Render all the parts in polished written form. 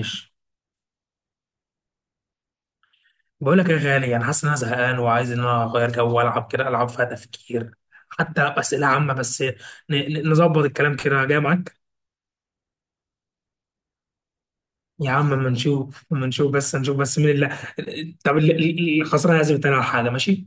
ماشي. بقول لك يا غالي، انا حاسس ان انا زهقان وعايز ان انا اغير جو والعب كده، العب فيها تفكير، حتى اسئله عامه بس نظبط الكلام كده جاي معاك. يا عم اما نشوف، اما نشوف بس، نشوف بس مين اللي... طب الخسران لازم يتناول حاجه، ماشي؟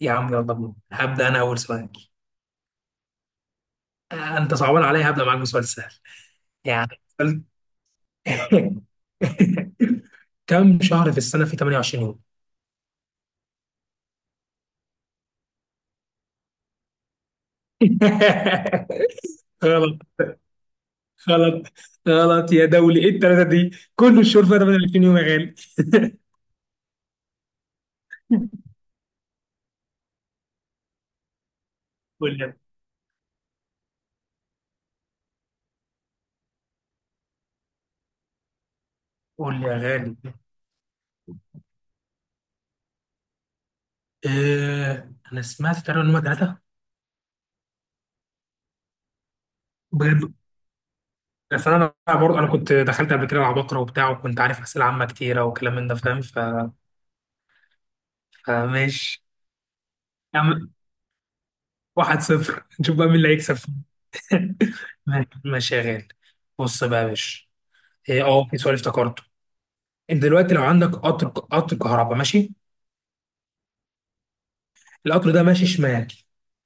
يا عم يلا بينا، هبدا انا اول سؤال. انت صعبان عليا، هبدا معاك بسؤال سهل. يعني. كم شهر في السنه في 28 يوم؟ غلط، غلط، غلط يا دولي، ايه الثلاثه دي؟ كل الشهور فيها 28 يوم يا غالي. قول لي، قول لي يا غالي. انا سمعت تقريبا ان هم ثلاثه. بجد. بس انا برضه، انا كنت دخلت قبل كده مع بكره وبتاع، وكنت عارف اسئله عامه كتيره وكلام من ده، فاهم، فماشي. يا عم، واحد صفر، نشوف بقى مين اللي هيكسب. ماشي، ماشي يا غالي، بص بقى يا باشا. إيه، اه في سؤال افتكرته. انت دلوقتي لو عندك قطر كهرباء، ماشي؟ القطر ده ماشي شمال،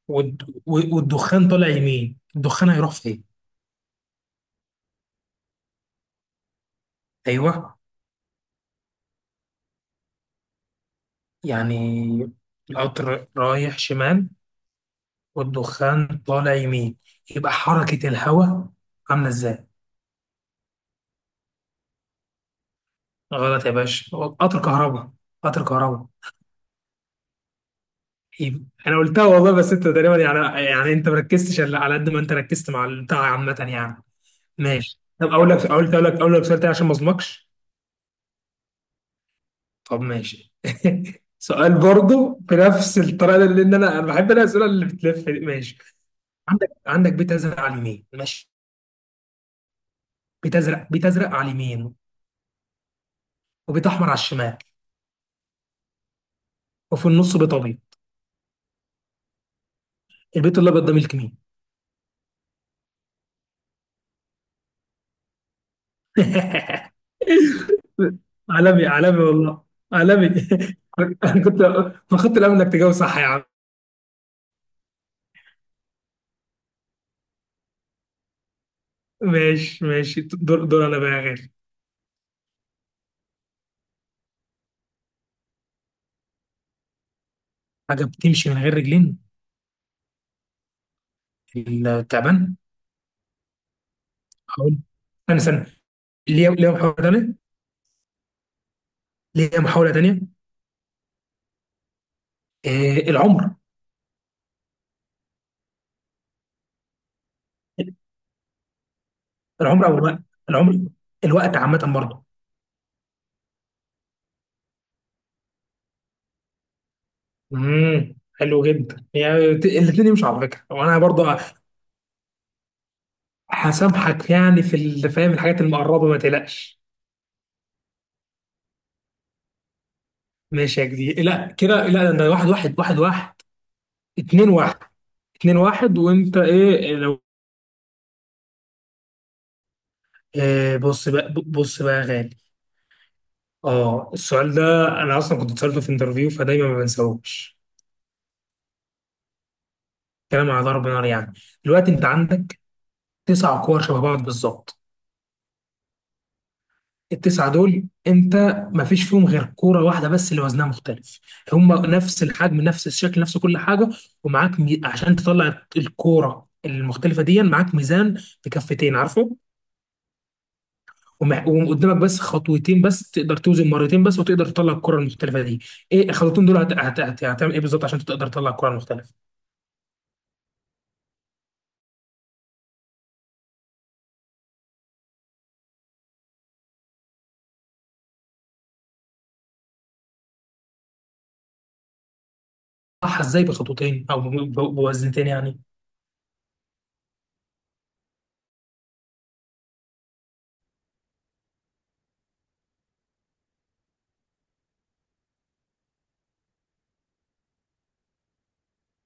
والدخان طالع يمين، الدخان هيروح فين؟ ايوه. يعني القطر رايح شمال والدخان طالع يمين، يبقى حركة الهواء عاملة ازاي؟ غلط يا باشا، هو قطر كهرباء، قطر كهرباء. يبقى- انا قلتها والله، بس انت تقريبا يعني انت مركزتش إلا على قد ما انت ركزت مع البتاع عامة يعني. ماشي، طب اقول لك سؤال تاني عشان ما اظلمكش. طب ماشي. سؤال برضه بنفس الطريقه دي، لان انا بحب انا الاسئله اللي بتلف دي، ماشي؟ عندك بيت ازرق على اليمين، ماشي؟ بيت ازرق، بيت ازرق على اليمين، وبيت احمر على الشمال، وفي النص بيت ابيض. البيت الابيض ده ملك مين؟ عالمي، عالمي والله، عالمي. انا كنت ما خدت الامل انك تجاوب صح يا عم. ماشي، ماشي، دور دور انا بقى يا غالي. حاجه بتمشي من غير رجلين؟ التعبان. هقول. انا سنه... ليا محاوله ثانيه. ليا محاوله ثانيه. العمر. العمر او الوقت، العمر. الوقت عامه برضه. حلو جدا، يعني الاثنين يمشوا على فكره وانا برضه. هسامحك يعني في فاهم، الحاجات المقربه ما تقلقش. ماشي يا جدي، لا كده لا، ده واحد واحد، واحد واحد. اتنين واحد، اتنين واحد. وانت ايه لو... بص بقى، بص بقى يا غالي. اه السؤال ده انا اصلا كنت اتسالته في انترفيو، فدايما ما بنساهوش. كلام على ضرب نار يعني. دلوقتي انت عندك تسع كور شبه بعض بالظبط. التسعة دول، انت ما فيش فيهم غير كورة واحدة بس اللي وزنها مختلف. هم نفس الحجم، نفس الشكل، نفس كل حاجة. ومعاك عشان تطلع الكورة المختلفة دي معاك ميزان بكفتين، عارفه؟ وقدامك بس خطوتين بس، تقدر توزن مرتين بس وتقدر تطلع الكرة المختلفة دي. ايه الخطوتين دول هتعمل ايه بالظبط عشان تقدر تطلع الكرة المختلفة؟ صح. ازاي بخطوتين او بوزنتين يعني؟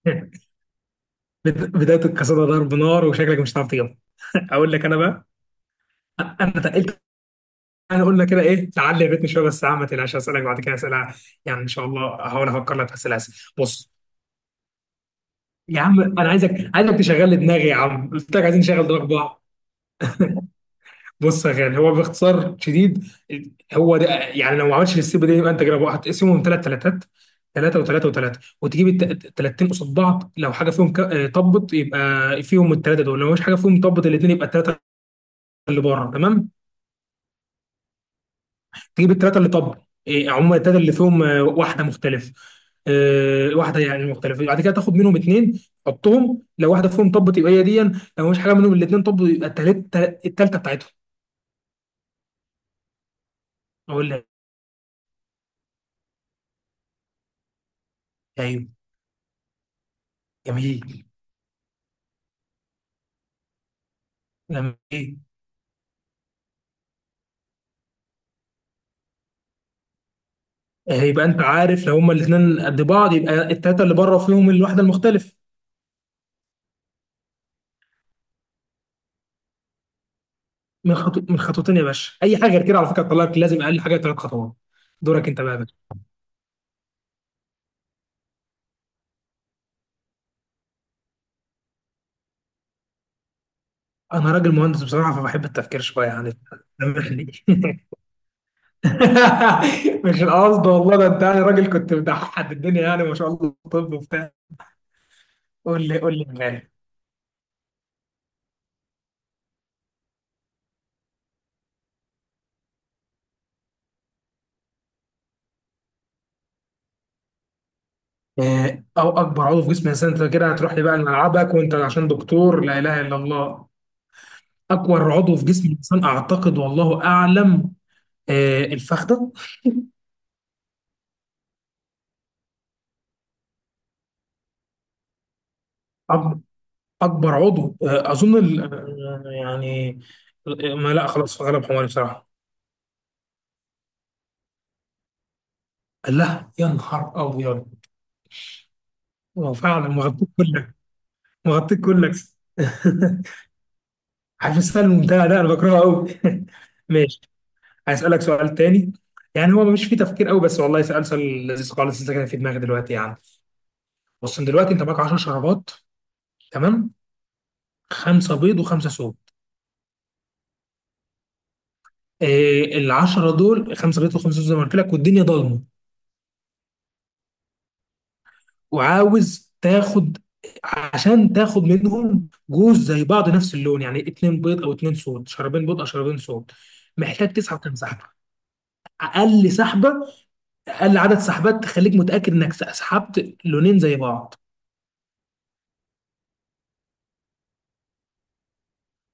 بداية القصيدة ضرب نار، وشكلك مش هتعرف تجيبها. اقول لك انا بقى. انا تقلت، يعني قلنا كده ايه، تعلي بيتنا شويه، بس يا عم ما تقلقش، هسالك بعد كده اسئله، يعني ان شاء الله هحاول افكر لك في اسئله. بص يا عم، انا عايزك تشغل لي دماغي يا عم، قلت لك عايزين نشغل دماغ بعض. بص يا غالي، هو باختصار شديد، هو ده. يعني لو ما عملتش السيب دي، يبقى انت كده بقى هتقسمهم ثلاث ثلاثات، ثلاثة وثلاثة وثلاثة، وتجيب التلاتين قصاد بعض. لو حاجة فيهم طبت، يبقى فيهم الثلاثة دول. لو مش حاجة فيهم طبت الاثنين، يبقى الثلاثة اللي بره، تمام. تجيب التلاتة اللي طب. عموما التلاتة اللي فيهم واحدة مختلفة، واحدة يعني مختلفة، بعد كده تاخد منهم اتنين، حطهم. لو واحدة فيهم طب، تبقى هي دي. لو مش حاجة منهم الاتنين طب، يبقى التالتة، التالتة بتاعتهم. أقول لك. أيوه، جميل، جميل. يبقى أنت عارف لو هما الاتنين قد بعض، يبقى التلاتة اللي بره فيهم الواحدة المختلفة. من خطوتين يا باشا، أي حاجة غير كده على فكرة تطلعك، لازم أقل حاجة تلات خطوات. دورك أنت بقى يا باشا. أنا راجل مهندس بصراحة، فبحب التفكير شوية يعني، سامحني. مش القصد والله، ده انت يعني راجل كنت بتحد الدنيا يعني، ما شاء الله، طب وبتاع. قول لي، قول لي مالي. إيه، او اكبر عضو في جسم الانسان؟ انت كده هتروح لي بقى لملعبك، وانت عشان دكتور، لا اله الا الله. اكبر عضو في جسم الانسان اعتقد، والله اعلم، الفخذه. أكبر أكبر عضو، أظن يعني، ما لا، خلاص غلب حماري بصراحة. لا يا نهار أبيض، هو فعلا مغطيك كلك، مغطيك كلك. عارف السؤال الممتع ده انا بكرهه قوي. ماشي، هسألك سؤال تاني، يعني هو مش فيه تفكير قوي بس، والله سؤال، سؤال لذيذ خالص، انت كده في دماغي دلوقتي يعني. بص، إن دلوقتي انت معاك 10 شرابات، تمام؟ خمسه بيض وخمسه صوب. ال 10 دول خمسه بيض وخمسه صوب زي ما قلت لك، والدنيا ضلمه، وعاوز تاخد... عشان تاخد منهم جوز زي بعض، نفس اللون، يعني اتنين بيض او اتنين صوت، شرابين بيض او شرابين صوت. محتاج تسحب كام سحبه؟ اقل سحبه، اقل عدد سحبات تخليك متاكد انك سحبت لونين زي بعض.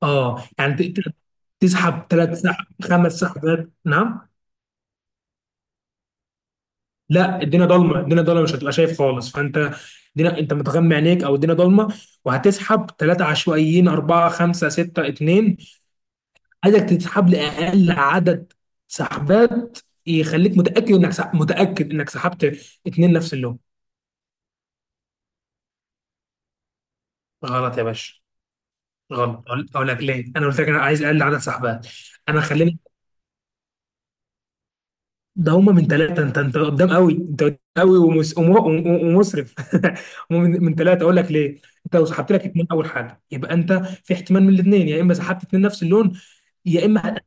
اه يعني تسحب ثلاث سحب، خمس سحبات؟ نعم. لا، الدنيا ضلمه، الدنيا ضلمه، مش هتبقى شايف خالص، فانت الدنيا... انت متغمي عينيك او الدنيا ضلمه، وهتسحب ثلاثه عشوائيين، اربعه، خمسه، سته، اثنين. عايزك تسحب لاقل عدد سحبات يخليك متاكد انك متاكد انك سحبت اثنين نفس اللون. غلط يا باشا، غلط. أقول لك ليه. انا قلت لك انا عايز اقل عدد سحبات. انا خليني. ده هما من ثلاثة، انت، انت قدام قوي، انت قدام قوي ومسرف. هما من ثلاثة، اقول لك ليه. انت لو سحبت لك اتنين اول حاجة، يبقى انت في احتمال من الاثنين، يا اما سحبت اتنين نفس اللون، يا اما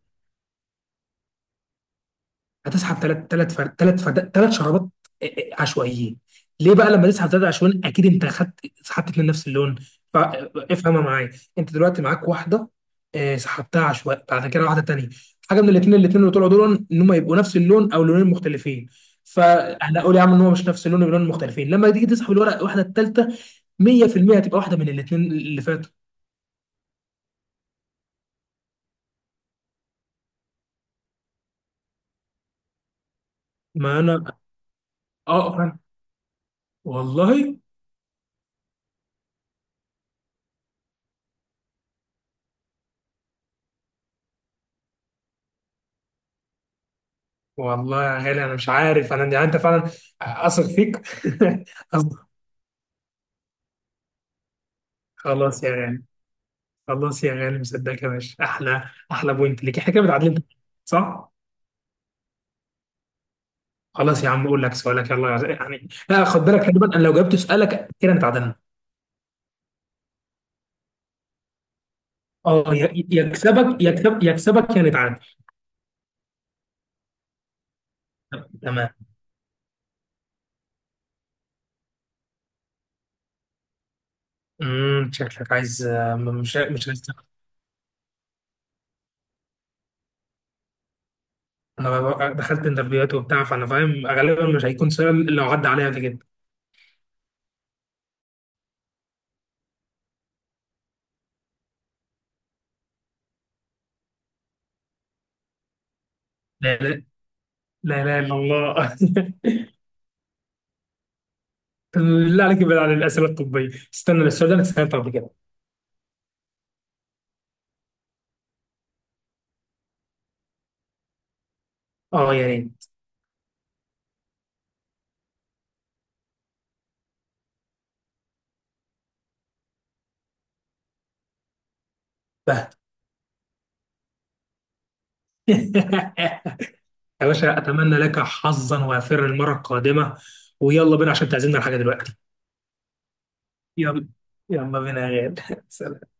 هتسحب ثلاث ثلاث شرابات. عشوائيين. ليه بقى؟ لما تسحب ثلاثه عشوائيين اكيد انت خدت، سحبت اتنين نفس اللون، فافهمها معايا. انت دلوقتي معاك واحده، سحبتها عشوائي، بعد كده واحده تانيه. حاجه من الاثنين، اللي طلعوا دول ان هم يبقوا نفس اللون او لونين مختلفين. فهنقول يا عم ان هو مش نفس اللون ولون مختلفين، لما تيجي تسحب الورقه الواحده الثالثه، 100% هتبقى واحده من الاثنين اللي فاتوا. ما انا... اه فاهم. والله. والله يا غالي، انا مش عارف، انا يعني، انت فعلا، اثق فيك. أثق. خلاص يا غالي، خلاص يا غالي، مصدقك يا باشا، احلى، احلى بوينت ليك، احنا كده متعادلين، صح. خلاص يا عم، اقول لك سؤالك يلا، غالي. يعني لا خد بالك، خلي بالك، انا لو جبت سؤالك كده نتعادلنا. يكسبك، يكسبك، يا نتعادل. تمام. شكلك عايز، مش عايز تخسر. انا دخلت انترفيوهات وبتاع، فانا فاهم غالبا مش هيكون سؤال اللي عدى عليا قبل كده. لا، لا، لا، لا، الا الله. لا عليك، ابعد عن الاسئله الطبيه، استنى، السؤال ده انا سالته قبل كده. اه، يا ريت. بهت. يا باشا، اتمنى لك حظا وافر المره القادمه، ويلا بينا عشان تعزمنا على حاجه دلوقتي. يلا، يلا بينا يا غالي.